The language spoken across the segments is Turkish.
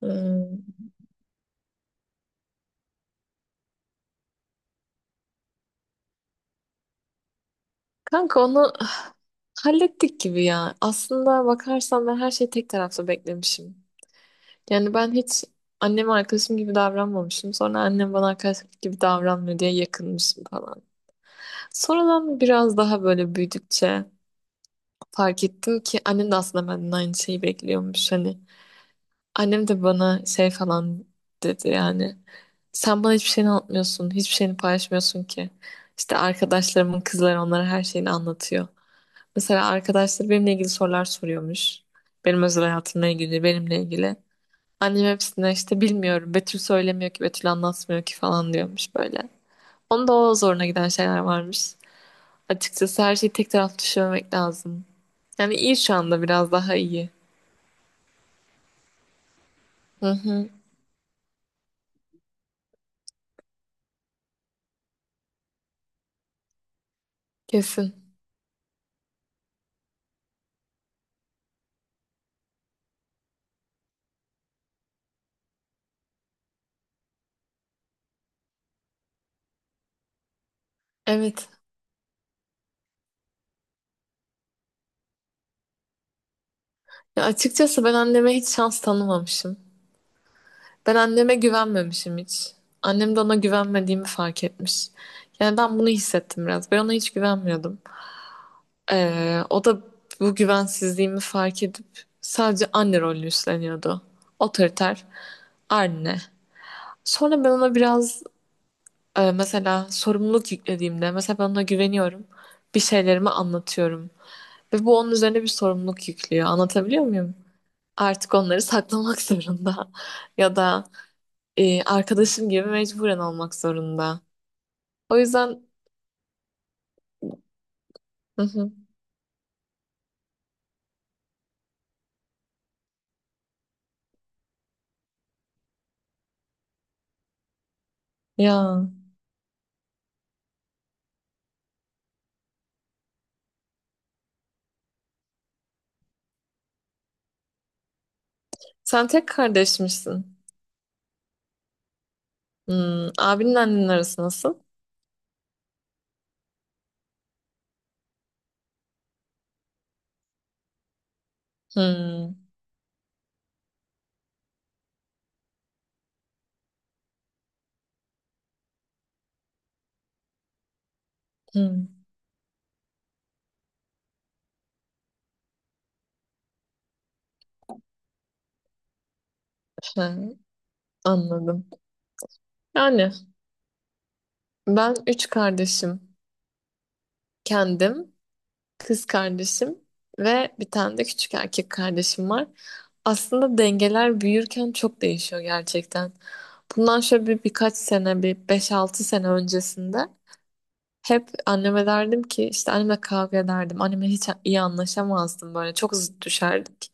Hmm. Kanka onu hallettik gibi ya. Aslında bakarsan ben her şeyi tek taraflı beklemişim. Yani ben hiç anneme arkadaşım gibi davranmamışım. Sonra annem bana arkadaş gibi davranmıyor diye yakınmışım falan. Sonradan biraz daha böyle büyüdükçe fark ettim ki annem de aslında benden aynı şeyi bekliyormuş. Hani annem de bana şey falan dedi yani. Sen bana hiçbir şeyini anlatmıyorsun, hiçbir şeyini paylaşmıyorsun ki. İşte arkadaşlarımın kızları onlara her şeyini anlatıyor. Mesela arkadaşlar benimle ilgili sorular soruyormuş. Benim özel hayatımla ilgili, benimle ilgili. Annem hepsine işte bilmiyorum, Betül söylemiyor ki, Betül anlatmıyor ki falan diyormuş böyle. Onun da o zoruna giden şeyler varmış. Açıkçası her şeyi tek taraflı düşünmemek lazım. Yani iyi şu anda biraz daha iyi. Hı hı, kesin. Evet. Ya açıkçası ben anneme hiç şans tanımamışım. Ben anneme güvenmemişim hiç. Annem de ona güvenmediğimi fark etmiş. Yani ben bunu hissettim biraz. Ben ona hiç güvenmiyordum. O da bu güvensizliğimi fark edip sadece anne rolünü üstleniyordu. Otoriter anne. Sonra ben ona biraz mesela sorumluluk yüklediğimde mesela ben ona güveniyorum. Bir şeylerimi anlatıyorum. Ve bu onun üzerine bir sorumluluk yüklüyor. Anlatabiliyor muyum? Artık onları saklamak zorunda. Ya da arkadaşım gibi mecburen olmak zorunda. O yüzden. Hı hı. Ya, sen tek kardeşmişsin. Hmm, abinin annenin arası nasıl? Hmm. Hı, ha, anladım. Yani ben üç kardeşim. Kendim, kız kardeşim ve bir tane de küçük erkek kardeşim var. Aslında dengeler büyürken çok değişiyor gerçekten. Bundan şöyle bir, birkaç sene, bir beş altı sene öncesinde hep anneme derdim ki işte anneme kavga ederdim. Anneme hiç iyi anlaşamazdım böyle çok zıt düşerdik.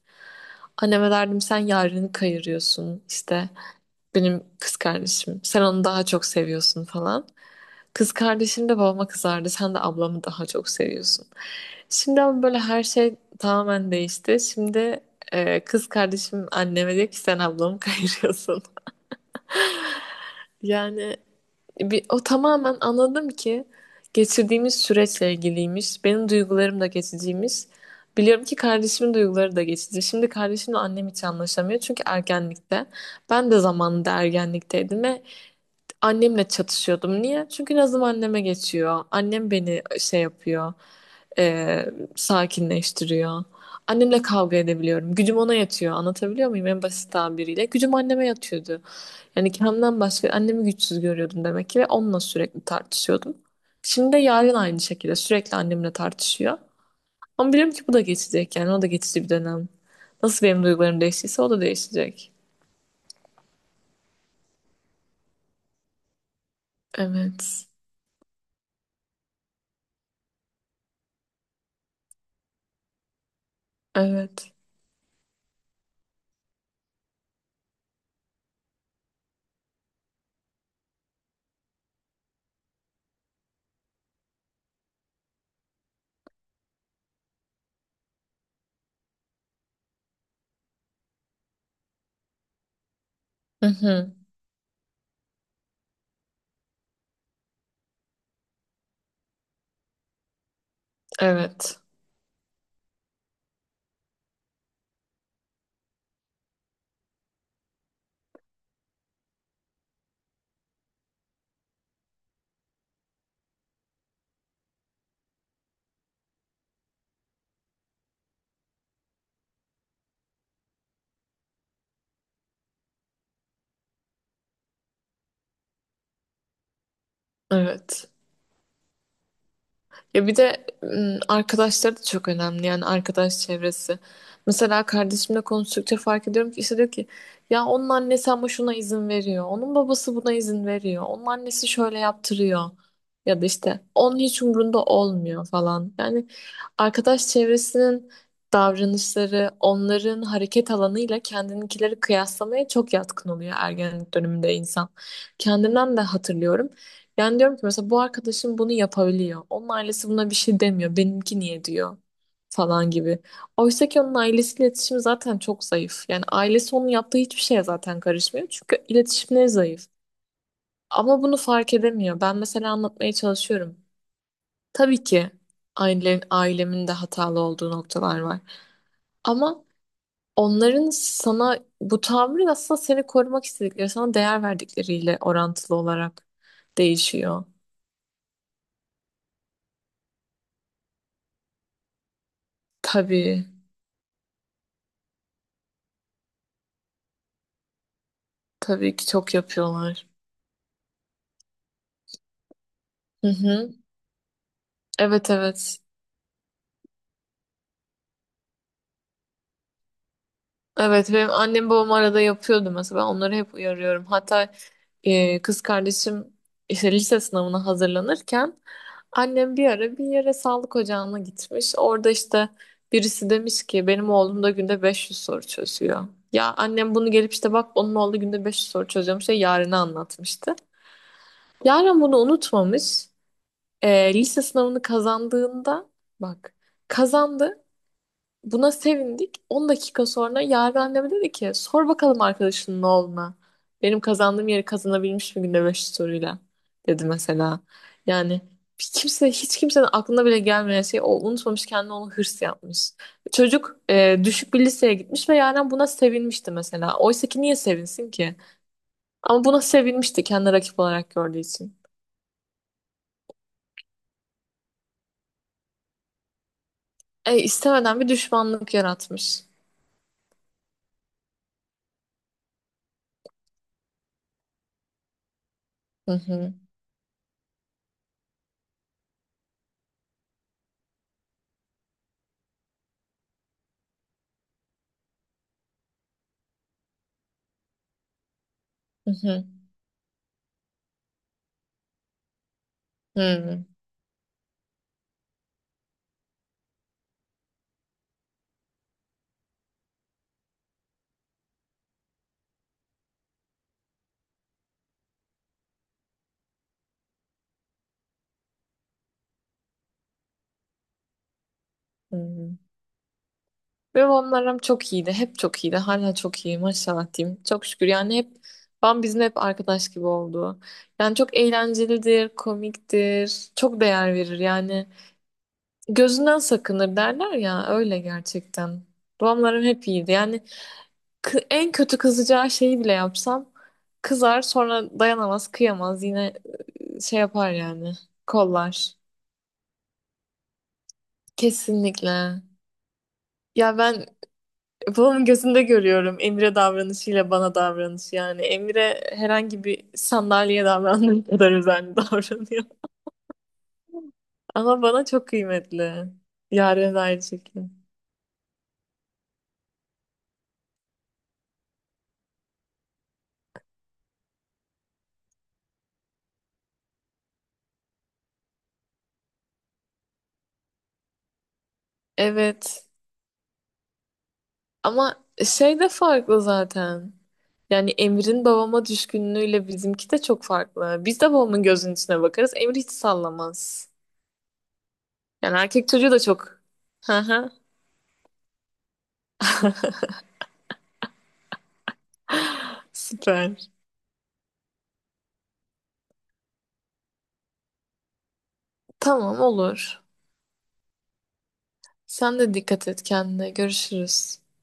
Anneme derdim sen yarını kayırıyorsun işte benim kız kardeşim. Sen onu daha çok seviyorsun falan. Kız kardeşim de babama kızardı. Sen de ablamı daha çok seviyorsun. Şimdi ama böyle her şey tamamen değişti. Şimdi kız kardeşim anneme diyor ki sen ablamı kayırıyorsun. Yani bir, o tamamen anladım ki geçirdiğimiz süreçle ilgiliymiş. Benim duygularım da geçiciymiş. Biliyorum ki kardeşimin duyguları da geçici. Şimdi kardeşimle annem hiç anlaşamıyor. Çünkü ergenlikte. Ben de zamanında ergenlikteydim ve annemle çatışıyordum. Niye? Çünkü nazım anneme geçiyor. Annem beni şey yapıyor. e, Sakinleştiriyor. Annemle kavga edebiliyorum. Gücüm ona yatıyor. Anlatabiliyor muyum? En basit tabiriyle. Gücüm anneme yatıyordu. Yani kendimden başka annemi güçsüz görüyordum demek ki ve onunla sürekli tartışıyordum. Şimdi de yarın aynı şekilde sürekli annemle tartışıyor. Ama biliyorum ki bu da geçecek yani o da geçici bir dönem. Nasıl benim duygularım değiştiyse o da değişecek. Evet. Evet. Hı hı. Evet. Evet. Ya bir de arkadaşları da çok önemli yani arkadaş çevresi. Mesela kardeşimle konuştukça fark ediyorum ki işte diyor ki ya onun annesi ama şuna izin veriyor. Onun babası buna izin veriyor. Onun annesi şöyle yaptırıyor. Ya da işte onun hiç umrunda olmuyor falan. Yani arkadaş çevresinin davranışları onların hareket alanıyla kendininkileri kıyaslamaya çok yatkın oluyor ergenlik döneminde insan. Kendimden de hatırlıyorum. Yani diyorum ki mesela bu arkadaşım bunu yapabiliyor. Onun ailesi buna bir şey demiyor. Benimki niye diyor falan gibi. Oysa ki onun ailesiyle iletişimi zaten çok zayıf. Yani ailesi onun yaptığı hiçbir şeye zaten karışmıyor. Çünkü iletişimleri zayıf. Ama bunu fark edemiyor. Ben mesela anlatmaya çalışıyorum. Tabii ki ailemin de hatalı olduğu noktalar var. Ama onların sana bu tavrı aslında seni korumak istedikleri, sana değer verdikleriyle orantılı olarak değişiyor. Tabii. Tabii ki çok yapıyorlar. Hı hı. Evet, evet. Evet, benim annem babam arada yapıyordu mesela. Ben onları hep uyarıyorum. Hatta kız kardeşim işte lise sınavına hazırlanırken annem bir ara bir yere sağlık ocağına gitmiş. Orada işte birisi demiş ki benim oğlum da günde 500 soru çözüyor. Ya annem bunu gelip işte bak onun oğlu günde 500 soru çözüyormuş diye Yaren'e anlatmıştı. Yaren bunu unutmamış. Lise sınavını kazandığında bak kazandı. Buna sevindik. 10 dakika sonra Yaren anneme dedi ki sor bakalım arkadaşının oğluna. Benim kazandığım yeri kazanabilmiş mi günde 5 soruyla dedi mesela. Yani bir kimse hiç kimsenin aklına bile gelmeyen şey o unutmamış kendine onu hırs yapmış. Çocuk düşük bir liseye gitmiş ve Yaren buna sevinmişti mesela. Oysa ki niye sevinsin ki? Ama buna sevinmişti kendi rakip olarak gördüğü için. İstemeden bir düşmanlık yaratmış. Hı hı, hı hı. Hı. Hmm. Benim onlarım çok iyiydi. Hep çok iyiydi. Hala çok iyi. Maşallah diyeyim. Çok şükür. Yani hep ben bizim hep arkadaş gibi oldu. Yani çok eğlencelidir, komiktir. Çok değer verir yani. Gözünden sakınır derler ya. Öyle gerçekten. Babamlarım hep iyiydi. Yani en kötü kızacağı şeyi bile yapsam kızar sonra dayanamaz, kıyamaz. Yine şey yapar yani. Kollar. Kesinlikle. Ya ben babamın gözünde görüyorum Emre davranışıyla bana davranışı yani. Emre herhangi bir sandalyeye davrandığı kadar özenli davranıyor. Ama bana çok kıymetli. Yaren de aynı şekilde. Evet. Ama şey de farklı zaten. Yani Emir'in babama düşkünlüğüyle bizimki de çok farklı. Biz de babamın gözünün içine bakarız. Emir hiç sallamaz. Yani erkek çocuğu da çok. Hı hı. Süper. Tamam, olur. Sen de dikkat et kendine. Görüşürüz.